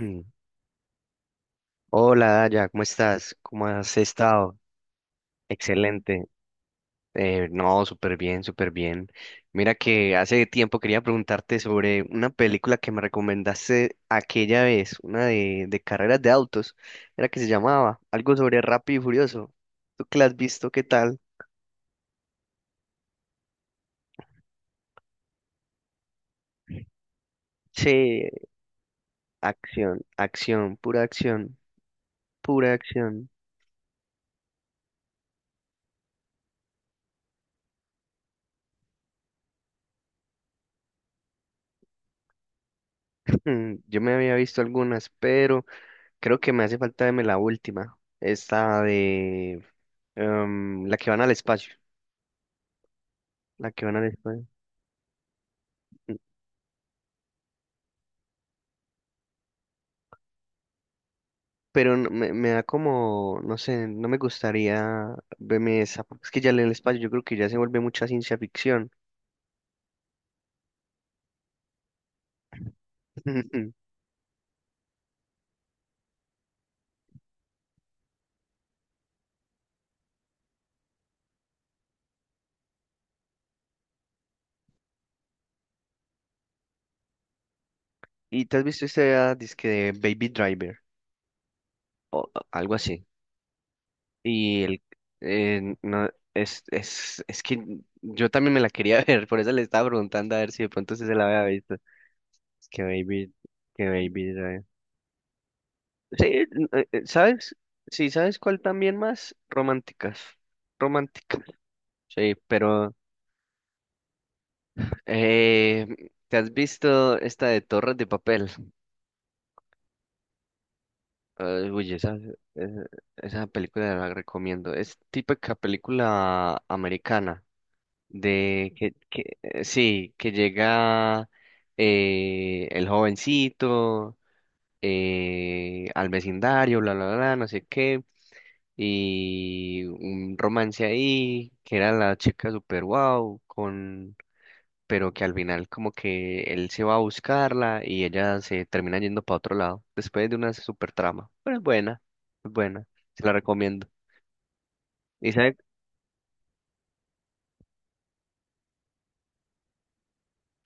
Mm. Hola, Daya, ¿cómo estás? ¿Cómo has estado? Excelente. No, súper bien, súper bien. Mira que hace tiempo quería preguntarte sobre una película que me recomendaste aquella vez, una de carreras de autos, era que se llamaba algo sobre Rápido y Furioso. ¿Tú que la has visto? ¿Qué tal? Sí. Acción, acción, pura acción, pura acción. Yo me había visto algunas, pero creo que me hace falta verme la última, esta de... La que van al espacio. La que van al espacio. Mm, Pero me da como, no sé, no me gustaría verme esa, porque es que ya en el espacio yo creo que ya se vuelve mucha ciencia ficción. ¿Y te has visto esta disque de Baby Driver o algo así? Y el, no, es que yo también me la quería ver, por eso le estaba preguntando a ver si de pronto usted se la había visto. Es que Baby Driver. Sí, ¿sabes? Sí, ¿sabes cuál también más? Románticas. Romántica. Sí, pero eh, ¿te has visto esta de Torres de Papel? Ay, uy, esa, esa película la recomiendo. Es típica película americana de que sí, que llega el jovencito al vecindario, bla, bla, bla, no sé qué. Y un romance ahí, que era la chica super wow, con, pero que al final como que él se va a buscarla y ella se termina yendo para otro lado, después de una super trama. Pero es buena, se la recomiendo. Y sabe,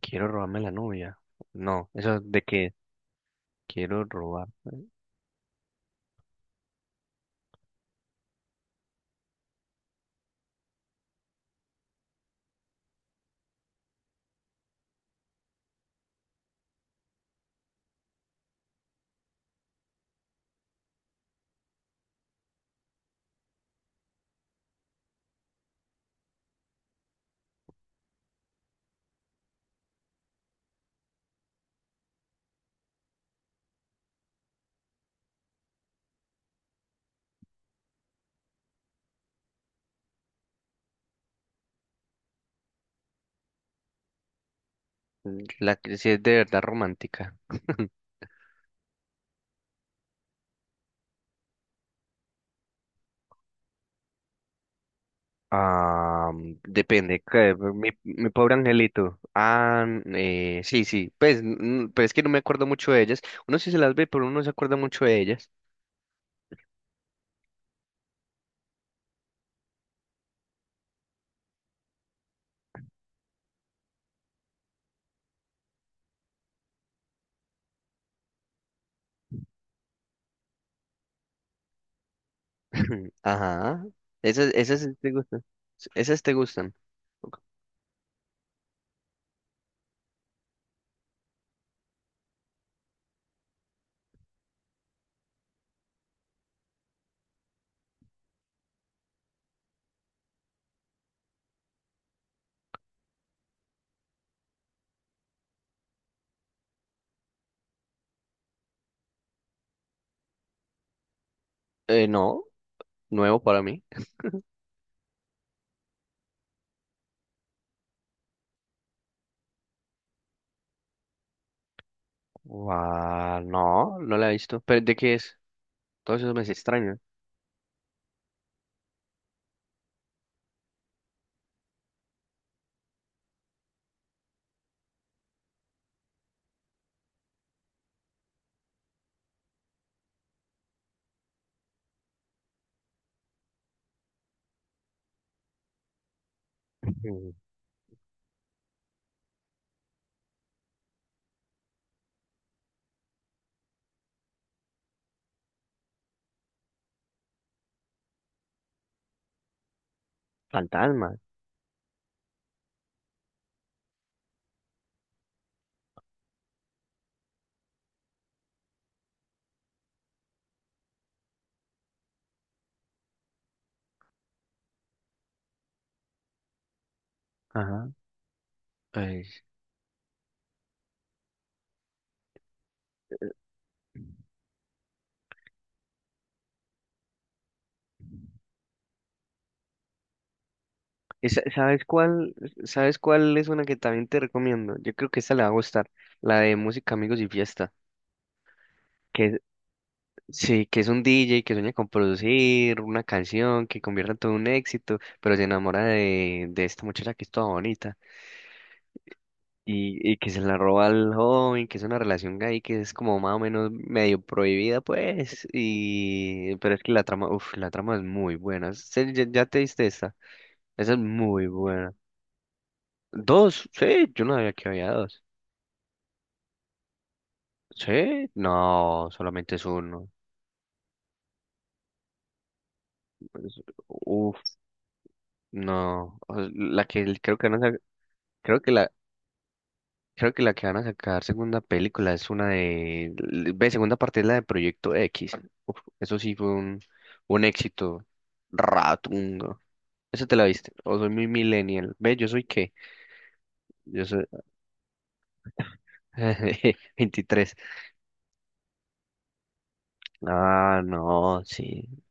quiero robarme la novia. No, eso de que quiero robar. La que sí es de verdad romántica. Ah, depende. Mi, mi pobre angelito. Sí, sí. Pues, pero es que no me acuerdo mucho de ellas. Uno sí se las ve, pero uno no se acuerda mucho de ellas. Ajá. Esas, esas sí te gustan. Esas te gustan. No, nuevo para mí. Guau, no, no la he visto. ¿Pero de qué es? Todo eso me es extraño. Ujú. Fantasma. Ajá. ¿Sabes cuál? ¿Sabes cuál es una que también te recomiendo? Yo creo que esta le va a gustar, la de Música, Amigos y Fiesta, que sí, que es un DJ que sueña con producir una canción que convierta todo en un éxito, pero se enamora de esta muchacha que es toda bonita y que se la roba al joven, que es una relación gay que es como más o menos medio prohibida, pues, y pero es que la trama, uff, la trama es muy buena. Ya te diste esta, esa es muy buena. Dos, sí, yo no sabía que había dos. Sí, no, solamente es uno. Es- Uf, no. O sea, La que el- creo que van a sa- creo que la creo que la que van a sacar segunda película es una de ve, segunda parte es la de Proyecto X. Uf, eso sí fue un éxito ratungo. ¿Esa te la viste? O soy muy millennial. Ve, ¿yo soy qué? Yo soy veintitrés. Ah, no, sí.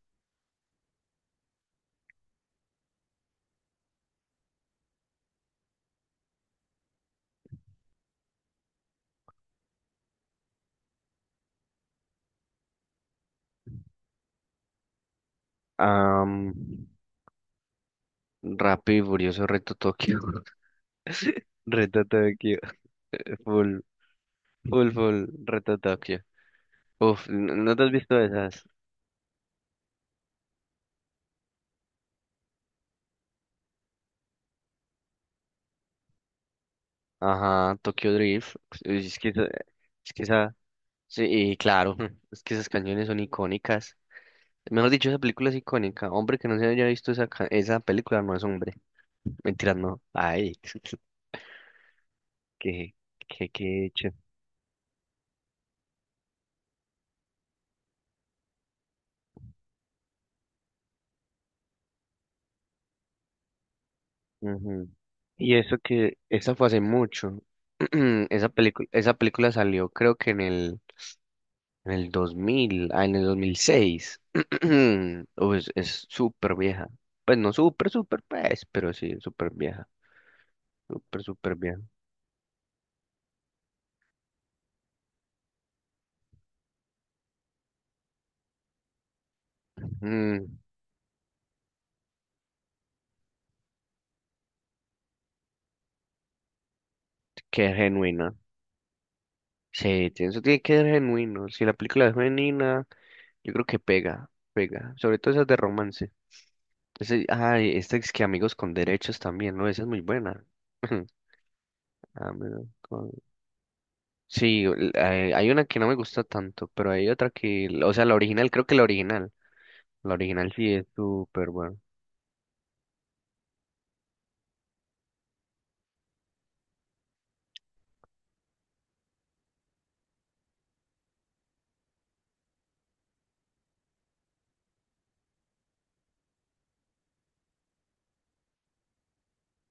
Um, Rápido y Furioso Reto Tokio. Reto Tokio. Full, full, full. Reto Tokio. ¿No te has visto esas? Ajá, Tokyo Drift. Uy, es que esa, sí, y claro, es que esas canciones son icónicas. Mejor dicho, esa película es icónica. Hombre que no se haya visto esa, esa película no es hombre. Mentira, no. Ay, qué, qué hecho. Ujú. Y eso que, esa fue hace mucho. Esa película salió creo que en el en el 2006. Uy, es súper vieja. Pues no súper, súper, pues, pero sí, súper vieja. Súper, súper vieja. Mm, qué genuina. Sí, eso tiene que ser genuino. Si la película es genuina, yo creo que pega, pega. Sobre todo esas de romance. Ay, esta es que Amigos con Derechos también, ¿no? Esa es muy buena. Amigos con- Sí, hay hay una que no me gusta tanto, pero hay otra que, o sea, la original, creo que la original. La original sí es súper buena.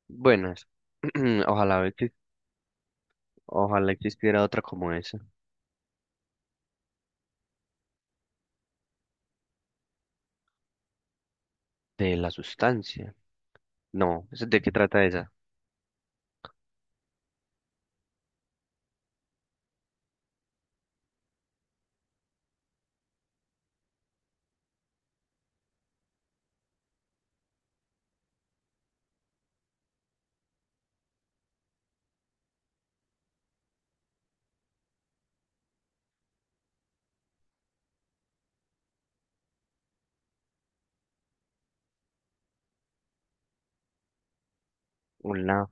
Buenas. Ojalá, exis- ojalá existiera otra como esa. De la sustancia. No, ¿eso de qué trata esa? Una,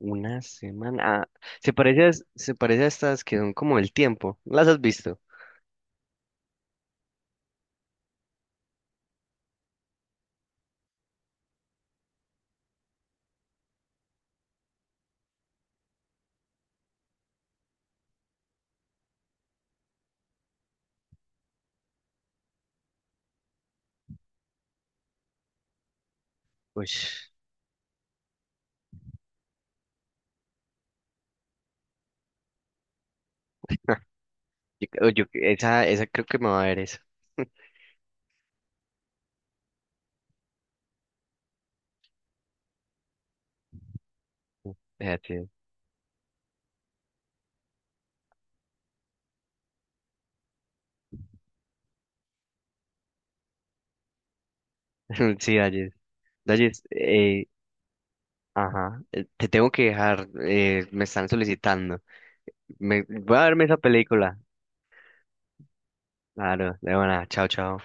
una semana. Ah, se parece a estas que son como el tiempo. ¿Las has visto? Uy, yo, creo- yo- esa creo que me va a ver esa. Esa sí, sí, Dalles. Dalles, ajá. Te tengo que dejar. Me están solicitando. Me, voy a verme esa película. Claro, de buena. Chao, chao.